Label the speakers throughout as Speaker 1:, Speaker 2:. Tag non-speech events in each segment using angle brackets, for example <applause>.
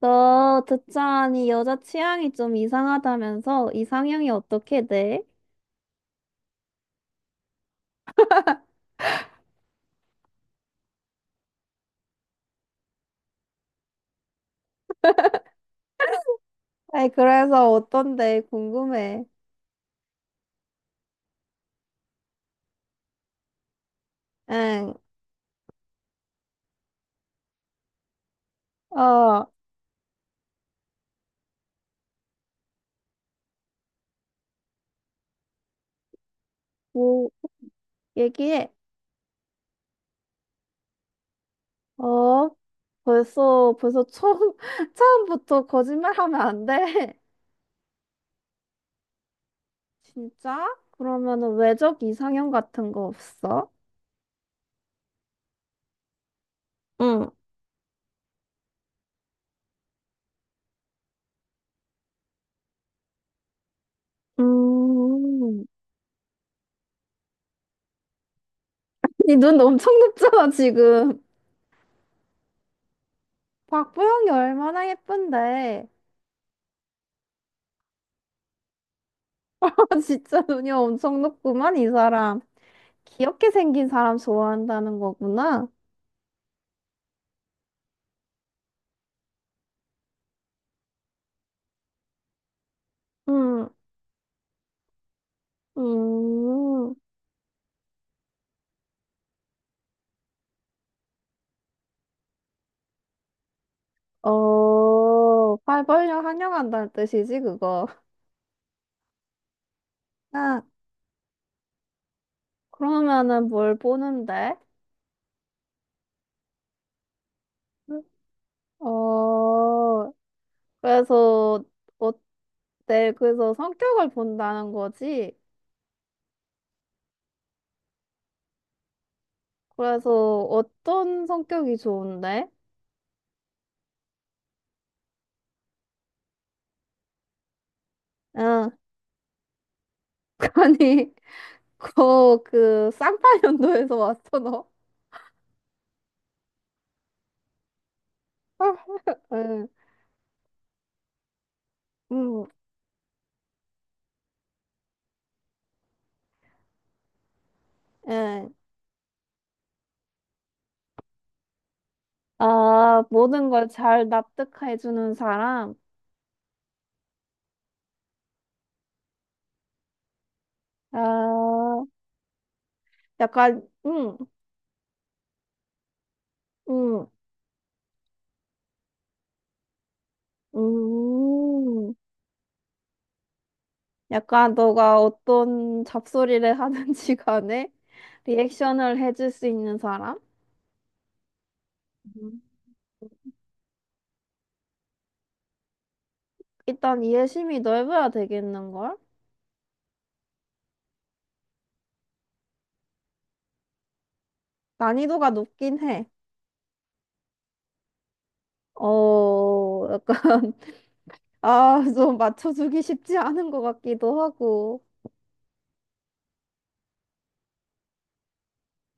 Speaker 1: 너 듣자하니 여자 취향이 좀 이상하다면서 이상형이 어떻게 돼? <laughs> 아이, 그래서 어떤데? 궁금해. 응, 어, 뭐, 얘기해. 어, 벌써 처음, <laughs> 처음부터 거짓말하면 안 돼. <laughs> 진짜? 그러면은 외적 이상형 같은 거 없어? 응. 음, 니 눈 엄청 높잖아, 지금. 박보영이 얼마나 예쁜데. 아, 진짜 눈이 엄청 높구만, 이 사람. 귀엽게 생긴 사람 좋아한다는 거구나. 음, 음, 어, 팔 벌려 환영한다는 뜻이지, 그거. 아, 그러면은 뭘 보는데? 어, 그래서, 어, 네, 그래서 성격을 본다는 거지. 그래서 어떤 성격이 좋은데? 응, <laughs> 아니, 그, 쌍파년도에서 왔어, 너? 응. 음, 예. 아, 모든 걸 잘 납득해주는 사람. 아, 약간, 음, 음. 약간 너가 어떤 잡소리를 <laughs> 하든지 간에 리액션을 해줄 수 있는 사람? 음. 일단 이해심이 넓어야 되겠는걸? 난이도가 높긴 해. 어, 약간, <laughs> 아, 좀 맞춰주기 쉽지 않은 것 같기도 하고.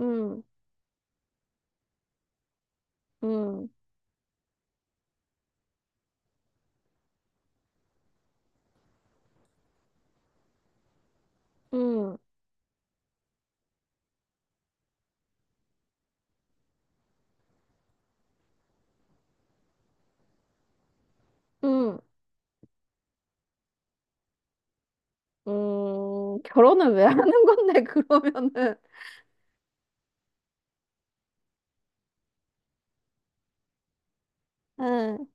Speaker 1: 음, 음, 음, 음. 결혼을 왜 하는 건데, <laughs> 그러면은. 응,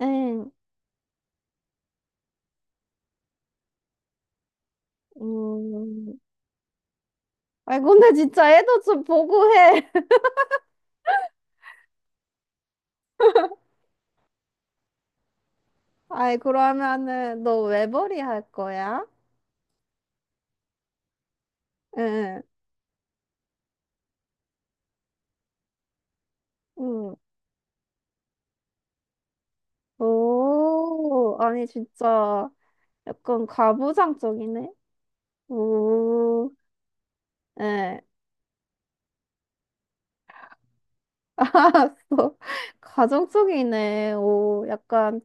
Speaker 1: 응, 음. 아이, 근데 진짜 애도 좀 보고 해. <laughs> 아이, 그러면은, 너 외벌이 할 거야? 응, 응. 오, 아니, 진짜, 약간 가부장적이네? 오, 예, <laughs> 알았어. 가정적이네. 오, 약간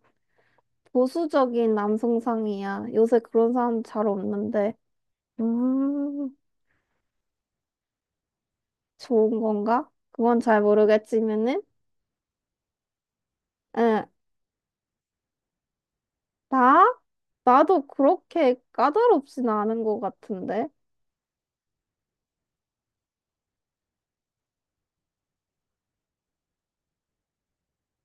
Speaker 1: 보수적인 남성상이야. 요새 그런 사람 잘 없는데. 음. 좋은 건가? 그건 잘 모르겠지만은, 응, 나? 나도 그렇게 까다롭진 않은 것 같은데.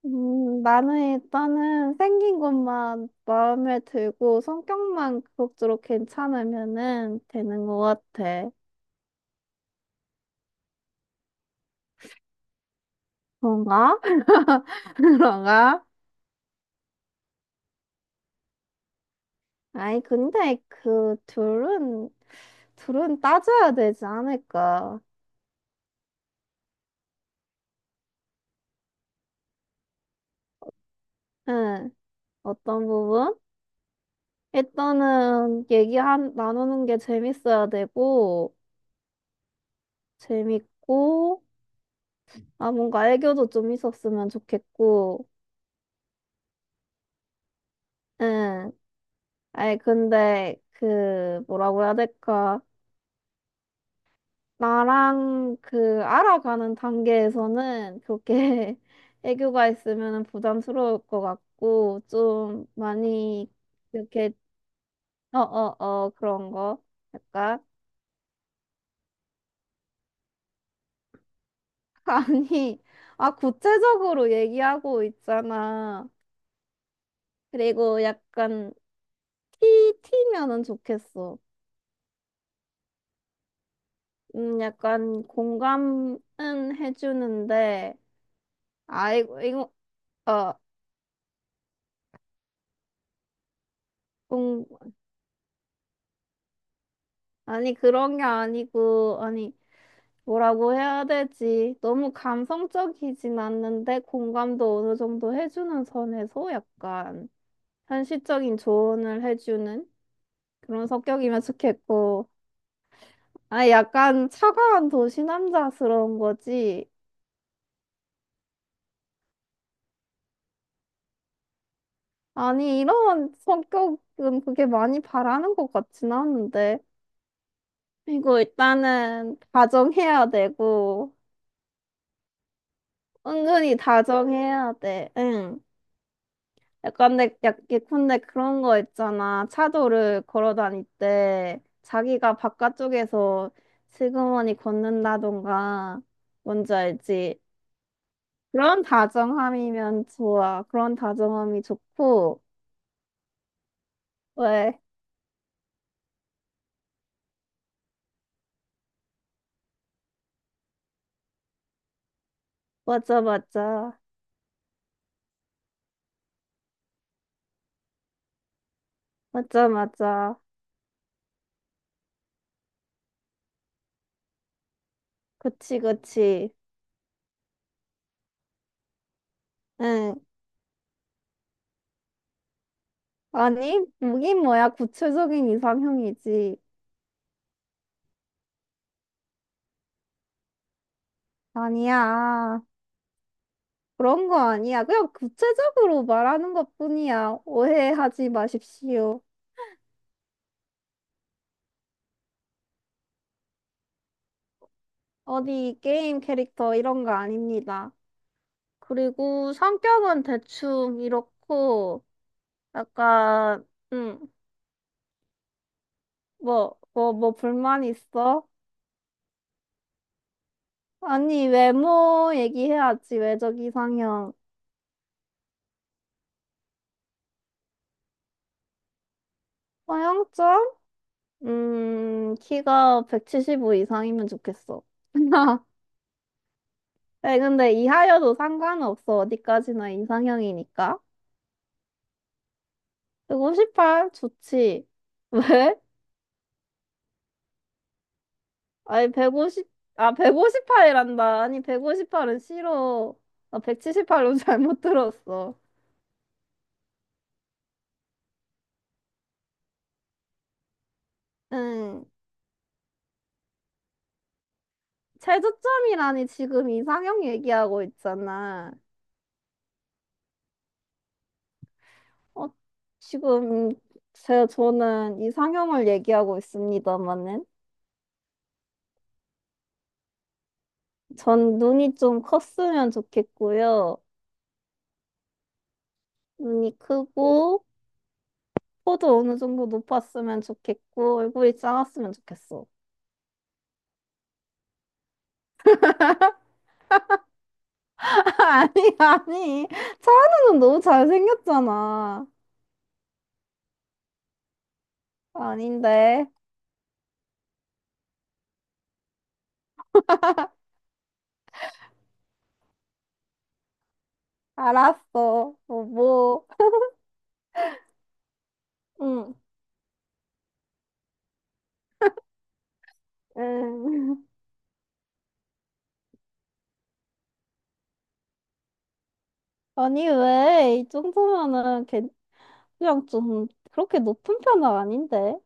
Speaker 1: 나는 일단은 생긴 것만 마음에 들고 성격만 그럭저럭 괜찮으면은 되는 것 같아. 그런가? <laughs> 그런가? 아니, 근데 그 둘은, 따져야 되지 않을까? 응, 어떤 부분? 일단은 얘기한 나누는 게 재밌어야 되고 재밌고 아 뭔가 애교도 좀 있었으면 좋겠고 응 아니 근데 그 뭐라고 해야 될까 나랑 그 알아가는 단계에서는 그렇게 <laughs> 애교가 있으면 부담스러울 것 같고 좀 많이 이렇게 어어어 그런 거 약간 <laughs> 아니 아 구체적으로 얘기하고 있잖아. 그리고 약간 피 튀면은 좋겠어. 약간 공감은 해주는데, 아이고, 이거, 어, 음, 아니, 그런 게 아니고, 아니, 뭐라고 해야 되지? 너무 감성적이진 않는데, 공감도 어느 정도 해주는 선에서 약간 현실적인 조언을 해주는 그런 성격이면 좋겠고, 아, 약간 차가운 도시 남자스러운 거지. 아니, 이런 성격은 그게 많이 바라는 것 같진 않은데. 이거 일단은 다정해야 되고, 은근히 다정해야 돼. 응. 약간 예컨대 그런 거 있잖아. 차도를 걸어 다닐 때 자기가 바깥쪽에서 슬그머니 걷는다던가, 뭔지 알지? 그런 다정함이면 좋아. 그런 다정함이 좋고, 왜? 맞아, 맞아. 맞아, 맞아. 그치, 그치. 응. 아니, 뭐긴 뭐야. 구체적인 이상형이지. 아니야. 그런 거 아니야. 그냥 구체적으로 말하는 것뿐이야. 오해하지 마십시오. 어디 게임 캐릭터 이런 거 아닙니다. 그리고 성격은 대충 이렇고, 약간, 응, 뭐 불만 있어? 아니, 외모 얘기해야지. 외적 이상형. 서양적? 키가 175 이상이면 좋겠어. <laughs> 네, 근데 이하여도 상관없어. 어디까지나 이상형이니까. 158? 좋지. <laughs> 왜? 아니, 150, 아, 158이란다. 아니, 158은 싫어. 나 178로 <laughs> 잘못 들었어. 응. 최저점이라니, 지금 이상형 얘기하고 있잖아. 어, 지금, 저는 이상형을 얘기하고 있습니다만은 전 눈이 좀 컸으면 좋겠고요. 눈이 크고, 코도 어느 정도 높았으면 좋겠고, 얼굴이 작았으면 좋겠어. <laughs> 아니, 아니. 차은우는 너무 잘생겼잖아. 아닌데. 알았어. 뭐, 뭐. 응, 응. <laughs> 아니, 왜? 이 정도면은 그냥 좀 그렇게 높은 편은 아닌데.